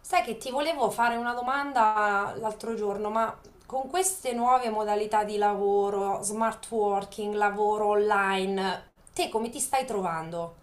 Sai che ti volevo fare una domanda l'altro giorno, ma con queste nuove modalità di lavoro, smart working, lavoro online, te come ti stai trovando?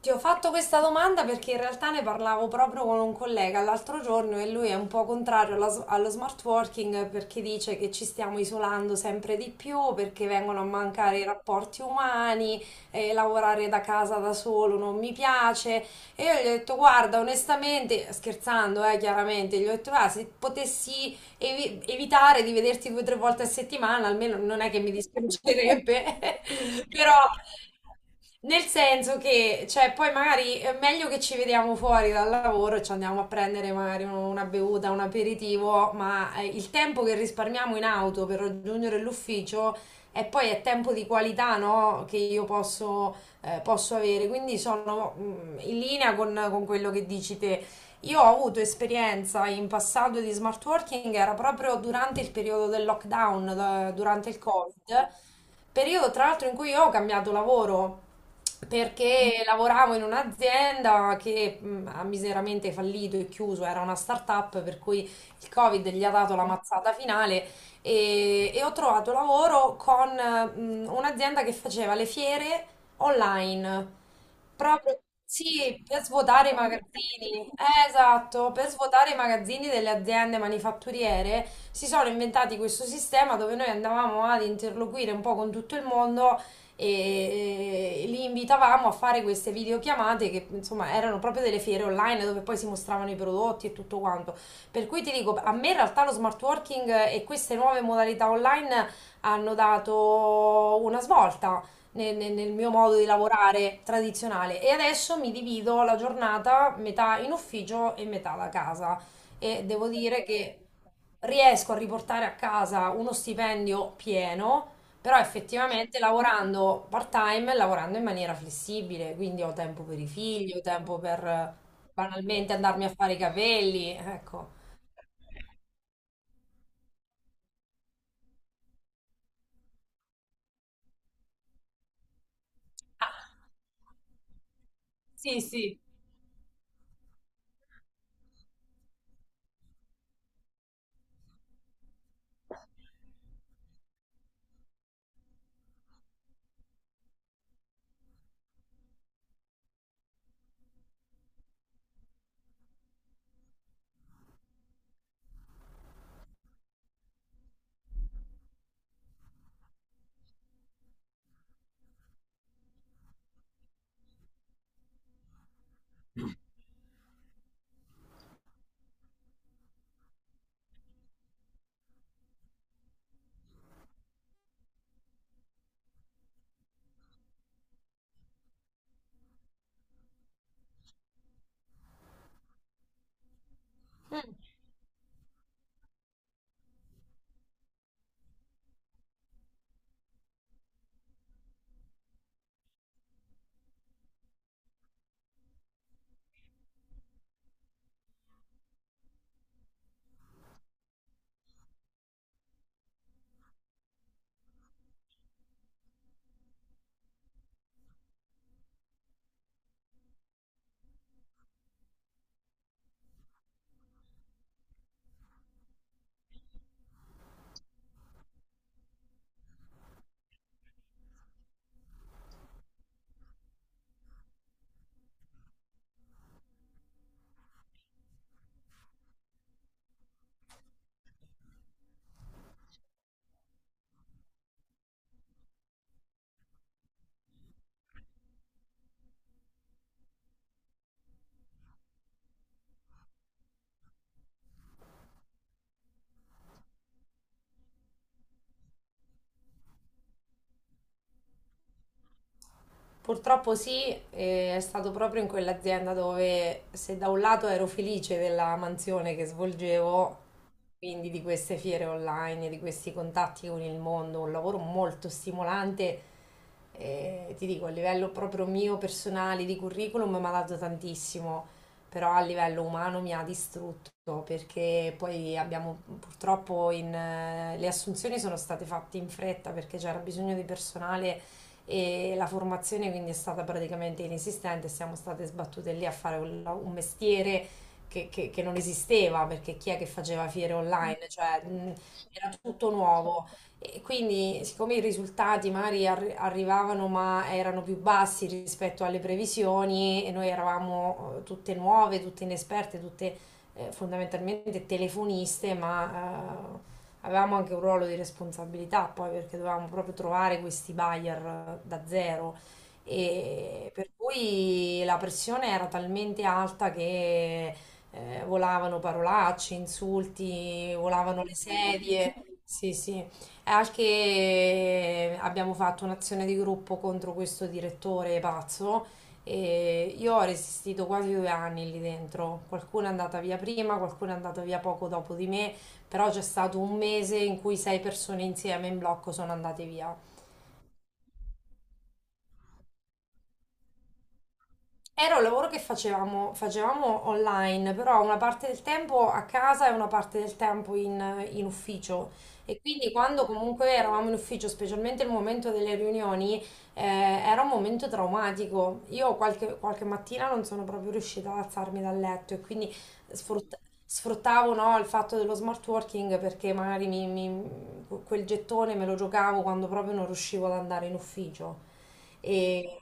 Ti ho fatto questa domanda perché in realtà ne parlavo proprio con un collega l'altro giorno e lui è un po' contrario allo smart working perché dice che ci stiamo isolando sempre di più, perché vengono a mancare i rapporti umani. Lavorare da casa da solo non mi piace. E io gli ho detto, guarda, onestamente, scherzando, chiaramente, gli ho detto, "Ah, se potessi evitare di vederti due o tre volte a settimana, almeno non è che mi dispiacerebbe." Però nel senso che, cioè, poi magari è meglio che ci vediamo fuori dal lavoro e ci andiamo a prendere magari una bevuta, un aperitivo, ma il tempo che risparmiamo in auto per raggiungere l'ufficio è poi è tempo di qualità, no? Che io posso avere, quindi sono in linea con quello che dici te. Io ho avuto esperienza in passato di smart working, era proprio durante il periodo del lockdown, durante il Covid, periodo tra l'altro in cui io ho cambiato lavoro perché lavoravo in un'azienda che ha miseramente fallito e chiuso, era una startup per cui il Covid gli ha dato la mazzata finale e ho trovato lavoro con un'azienda che faceva le fiere online, proprio sì, per svuotare i magazzini. Esatto, per svuotare i magazzini delle aziende manifatturiere si sono inventati questo sistema dove noi andavamo ad interloquire un po' con tutto il mondo e li invitavamo a fare queste videochiamate che insomma erano proprio delle fiere online dove poi si mostravano i prodotti e tutto quanto. Per cui ti dico, a me in realtà lo smart working e queste nuove modalità online hanno dato una svolta nel mio modo di lavorare tradizionale e adesso mi divido la giornata metà in ufficio e metà da casa e devo dire che riesco a riportare a casa uno stipendio pieno, però effettivamente lavorando part-time, lavorando in maniera flessibile, quindi ho tempo per i figli, ho tempo per banalmente andarmi a fare i capelli, ecco. Ah, sì, sì. Purtroppo sì, e è stato proprio in quell'azienda dove se da un lato ero felice della mansione che svolgevo, quindi di queste fiere online, di questi contatti con il mondo, un lavoro molto stimolante, ti dico, a livello proprio mio personale di curriculum mi ha dato tantissimo, però a livello umano mi ha distrutto perché poi abbiamo purtroppo le assunzioni sono state fatte in fretta perché c'era bisogno di personale e la formazione quindi è stata praticamente inesistente, siamo state sbattute lì a fare un mestiere che non esisteva, perché chi è che faceva fiere online? Cioè, era tutto nuovo. E quindi, siccome i risultati magari arrivavano, ma erano più bassi rispetto alle previsioni, e noi eravamo tutte nuove, tutte inesperte, tutte fondamentalmente telefoniste, ma avevamo anche un ruolo di responsabilità poi, perché dovevamo proprio trovare questi buyer da zero. E per cui la pressione era talmente alta che volavano parolacce, insulti, volavano le sedie. Sì, sì. E anche abbiamo fatto un'azione di gruppo contro questo direttore pazzo e io ho resistito quasi 2 anni lì dentro. Qualcuno è andata via prima, qualcuno è andato via poco dopo di me, però c'è stato un mese in cui sei persone insieme in blocco sono andate via. Era un lavoro che facevamo online, però una parte del tempo a casa e una parte del tempo in ufficio. E quindi quando comunque eravamo in ufficio, specialmente il momento delle riunioni, era un momento traumatico. Io qualche mattina non sono proprio riuscita ad alzarmi dal letto e quindi sfrutta- sfruttavo, no, il fatto dello smart working perché magari quel gettone me lo giocavo quando proprio non riuscivo ad andare in ufficio. E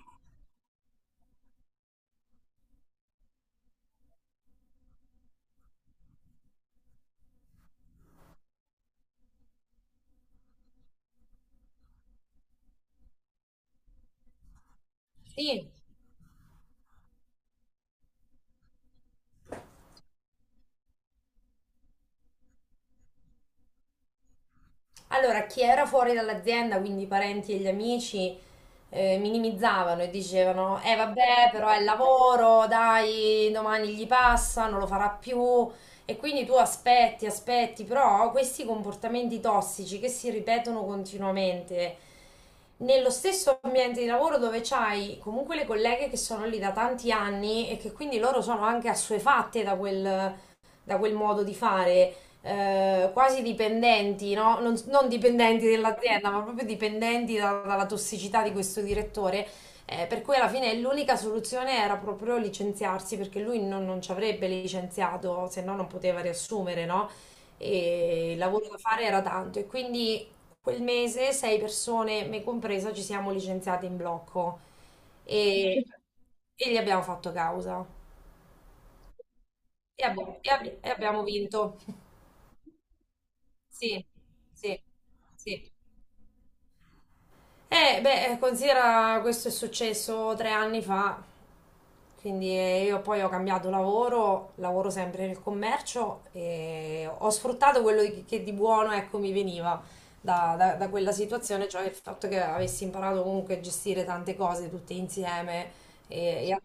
sì. Allora, chi era fuori dall'azienda, quindi i parenti e gli amici, minimizzavano e dicevano: "Eh, vabbè, però è il lavoro, dai, domani gli passa, non lo farà più." E quindi tu aspetti, aspetti, però questi comportamenti tossici che si ripetono continuamente nello stesso ambiente di lavoro dove c'hai comunque le colleghe che sono lì da tanti anni e che quindi loro sono anche assuefatte da quel modo di fare quasi dipendenti, no? Non dipendenti dell'azienda, ma proprio dipendenti dalla tossicità di questo direttore. Per cui alla fine l'unica soluzione era proprio licenziarsi, perché lui non ci avrebbe licenziato, se no non poteva riassumere, no? E il lavoro da fare era tanto. E quindi quel mese sei persone, me compresa, ci siamo licenziate in blocco e, e gli abbiamo fatto causa. E abbiamo vinto. Sì, sì, sì. Beh, considera questo è successo 3 anni fa, quindi io poi ho cambiato lavoro, lavoro sempre nel commercio e ho sfruttato quello che di buono, ecco, mi veniva da quella situazione, cioè il fatto che avessi imparato comunque a gestire tante cose tutte insieme e, e a,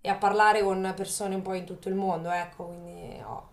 e a parlare con persone un po' in tutto il mondo, ecco, quindi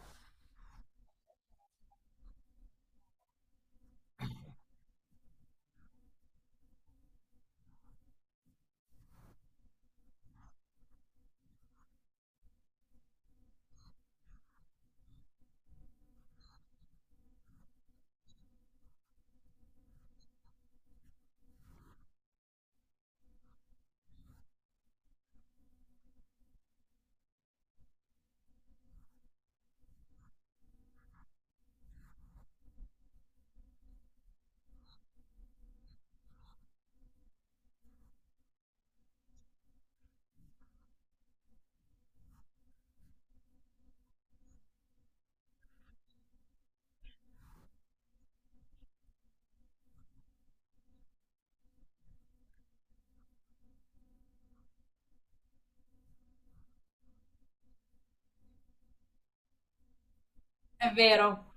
è vero,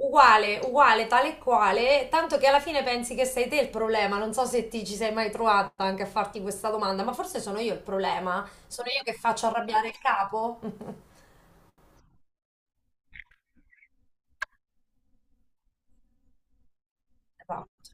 uguale, uguale, tale e quale, tanto che alla fine pensi che sei te il problema. Non so se ti ci sei mai trovata anche a farti questa domanda, ma forse sono io il problema. Sono io che faccio arrabbiare il capo? Esatto.